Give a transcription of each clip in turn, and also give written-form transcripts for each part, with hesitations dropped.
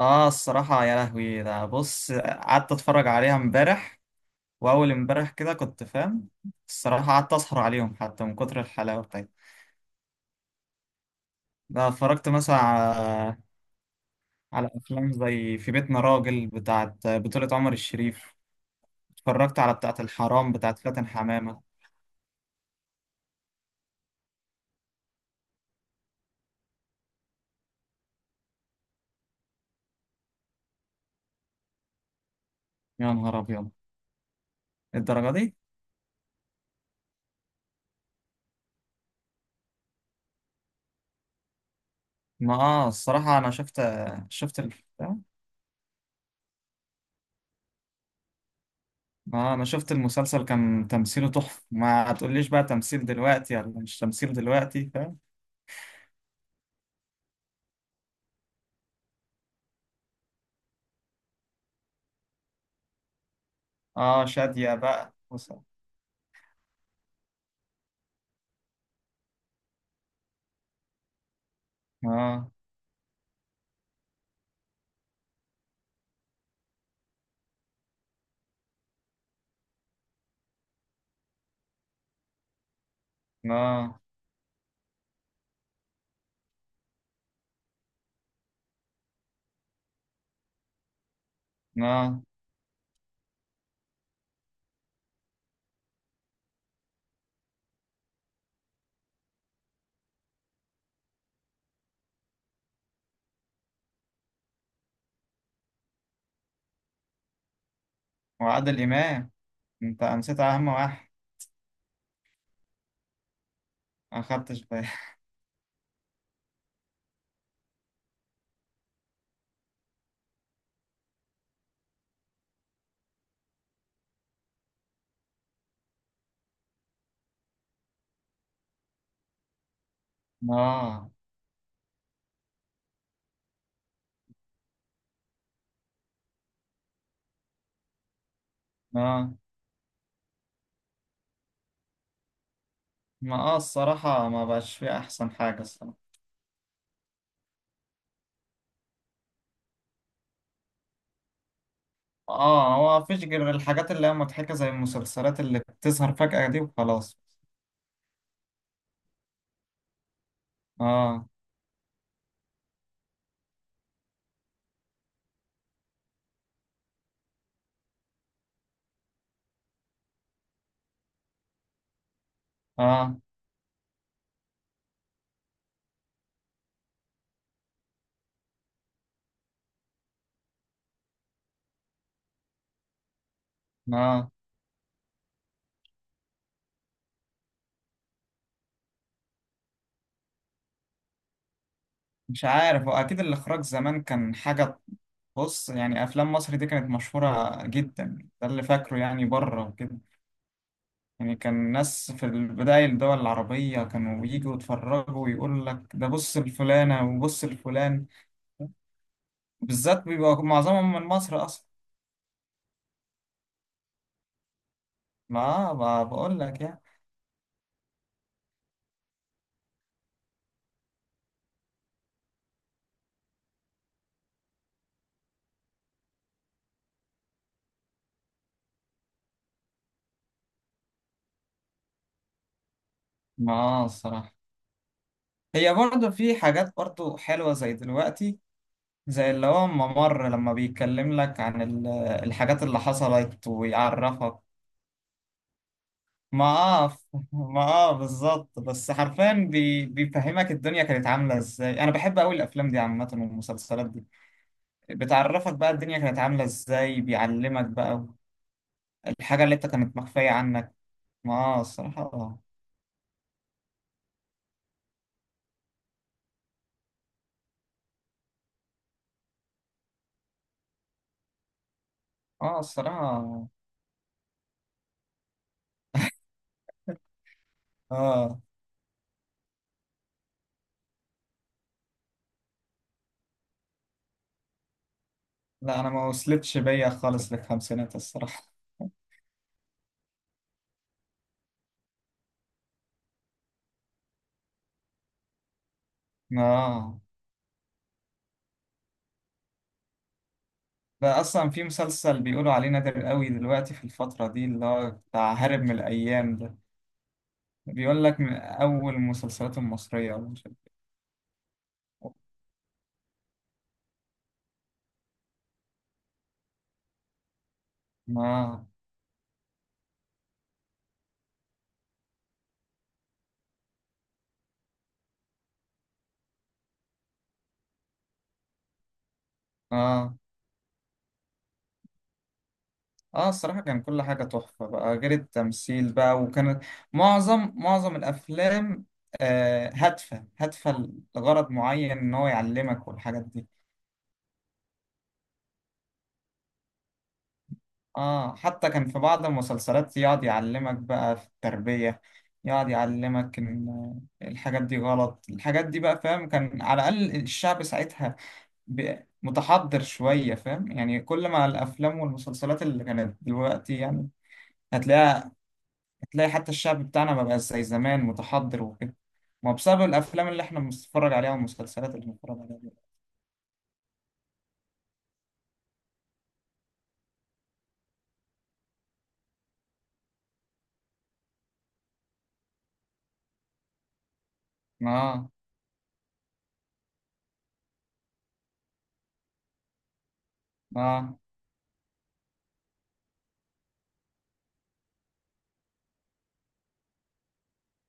اه، الصراحة يا لهوي، ده بص قعدت اتفرج عليها امبارح، واول امبارح كده، كنت فاهم. الصراحة قعدت اسهر عليهم حتى من كتر الحلاوة بتاعتها. ده اتفرجت مثلا على افلام زي في بيتنا راجل، بتاعت بطولة عمر الشريف. اتفرجت على بتاعت الحرام بتاعت فاتن حمامة. يا نهار ابيض، الدرجة دي؟ ما اه، الصراحة انا شفت، شفت ال... ما انا شفت المسلسل كان تمثيله تحفة. ما هتقوليش بقى تمثيل دلوقتي ولا مش تمثيل دلوقتي. اه، شادية بقى وصل. اه. اه. اه وعادل إمام، انت نسيت اهم واحد. ما خدتش بالي. اه. اه، ما الصراحة ما بقاش فيه احسن حاجة، الصراحة. اه، هو مفيش غير الحاجات اللي هي مضحكة زي المسلسلات اللي بتظهر فجأة دي، وخلاص. اه. اه. اه، مش عارف، هو اكيد الاخراج زمان كان حاجة. بص يعني افلام مصر دي كانت مشهورة جدا، ده اللي فاكره يعني، بره وكده. يعني كان الناس في البداية الدول العربية كانوا يجوا يتفرجوا ويقول لك ده بص الفلانة وبص الفلان، بالذات بيبقى معظمهم من مصر أصلا. ما بقول لك يعني. ما الصراحة، هي برضه في حاجات برضه حلوة زي دلوقتي، زي اللي هو ممر لما بيتكلم لك عن الحاجات اللي حصلت ويعرفك. ما اه ما اه بالظبط، بس حرفيا بيفهمك الدنيا كانت عاملة ازاي. انا بحب قوي الافلام دي عامة والمسلسلات دي، بتعرفك بقى الدنيا كانت عاملة ازاي، بيعلمك بقى الحاجة اللي انت كانت مخفية عنك. ما الصراحة. اه الصراحة. اه لا، انا ما وصلتش بيا خالص للخمسينات الصراحة. اه. ده اصلا في مسلسل بيقولوا عليه نادر قوي دلوقتي في الفترة دي، اللي هو بتاع هارب من الايام ده. بيقول لك من اول المسلسلات المصرية. ما اه اه الصراحة، كان كل حاجة تحفة بقى غير التمثيل بقى، وكانت معظم الأفلام هادفة هادفة لغرض معين، إن هو يعلمك والحاجات دي. اه، حتى كان في بعض المسلسلات يقعد يعلمك بقى في التربية، يقعد يعلمك إن الحاجات دي غلط، الحاجات دي بقى فاهم. كان على الأقل الشعب ساعتها متحضر شوية فاهم يعني. كل ما الأفلام والمسلسلات اللي كانت دلوقتي يعني، هتلاقيها، هتلاقي حتى الشعب بتاعنا ما بقاش زي زمان متحضر وكده. ما هو بسبب الافلام اللي احنا بنتفرج عليها والمسلسلات اللي بنتفرج عليها دي. اه. اه.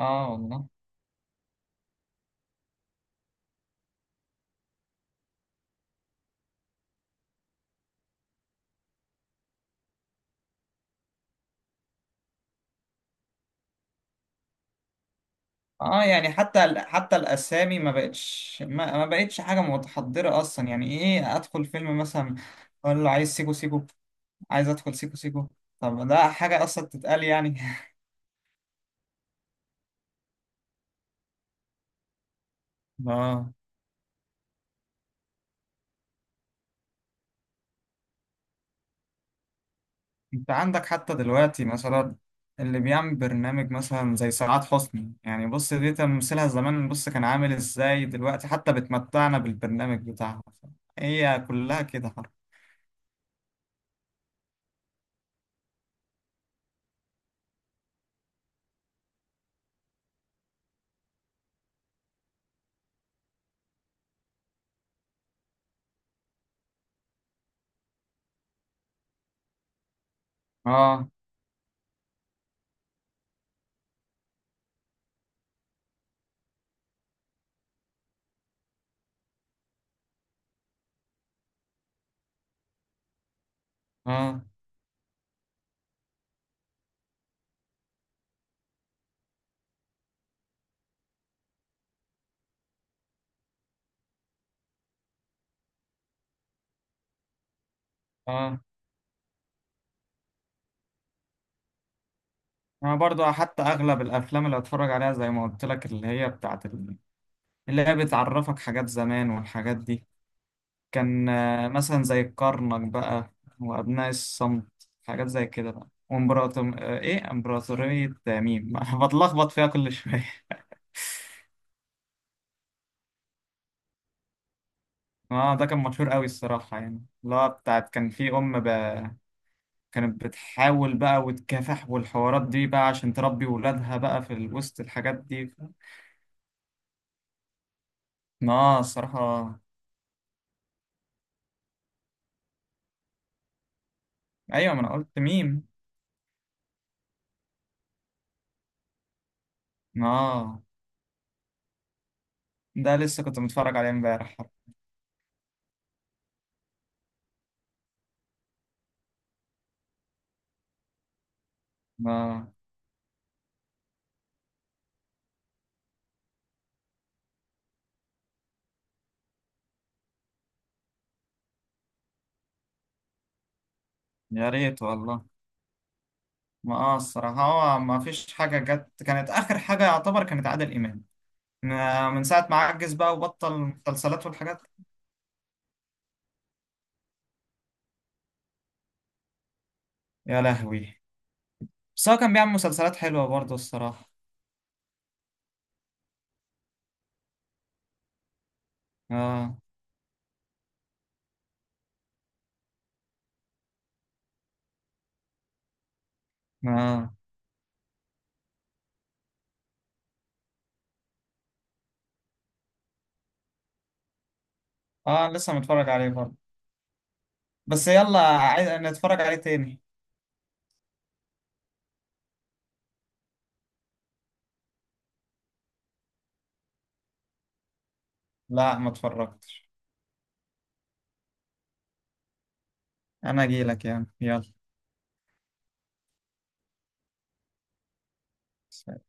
اه والله. اه، يعني حتى حتى الاسامي ما بقتش، ما بقتش حاجه متحضره اصلا، يعني ايه، ادخل فيلم مثلا اقول له عايز سيكو سيكو، عايز ادخل سيكو سيكو؟ طب ده حاجه اصلا تتقال يعني؟ اه. انت عندك حتى دلوقتي مثلا اللي بيعمل برنامج مثلا زي سعاد حسني، يعني بص، دي تمثيلها زمان، بص كان عامل ازاي دلوقتي، حتى بتمتعنا بالبرنامج بتاعها. هي كلها كده حرف. اه. اه. اه، انا برضو حتى اغلب الافلام اللي اتفرج عليها زي ما قلت لك، اللي هي اللي هي بتعرفك حاجات زمان والحاجات دي. كان مثلا زي الكرنك بقى وأبناء الصمت، حاجات زي كده بقى، وامبراطور آه، إيه إمبراطورية ميم بتلخبط فيها كل شوية اه، ده كان مشهور قوي الصراحة يعني. لا بتاعت كان في أم بقى كانت بتحاول بقى وتكافح والحوارات دي بقى عشان تربي ولادها بقى في وسط الحاجات دي. اه الصراحة. أيوة، ما أنا قلت ميم. اه، ده لسه كنت متفرج عليه امبارح. اه. يا ريت والله. ما اه، الصراحة هو ما فيش حاجة جت كانت آخر حاجة يعتبر كانت عادل إمام، من ساعة ما عجز بقى وبطل. المسلسلات والحاجات... يا لهوي. بس هو كان بيعمل مسلسلات حلوة برضه الصراحة. اه. اه. اه لسه متفرج عليه برضه. بس يلا، عايز نتفرج عليه تاني. لا، ما اتفرجتش. أنا أجيلك يعني. يلا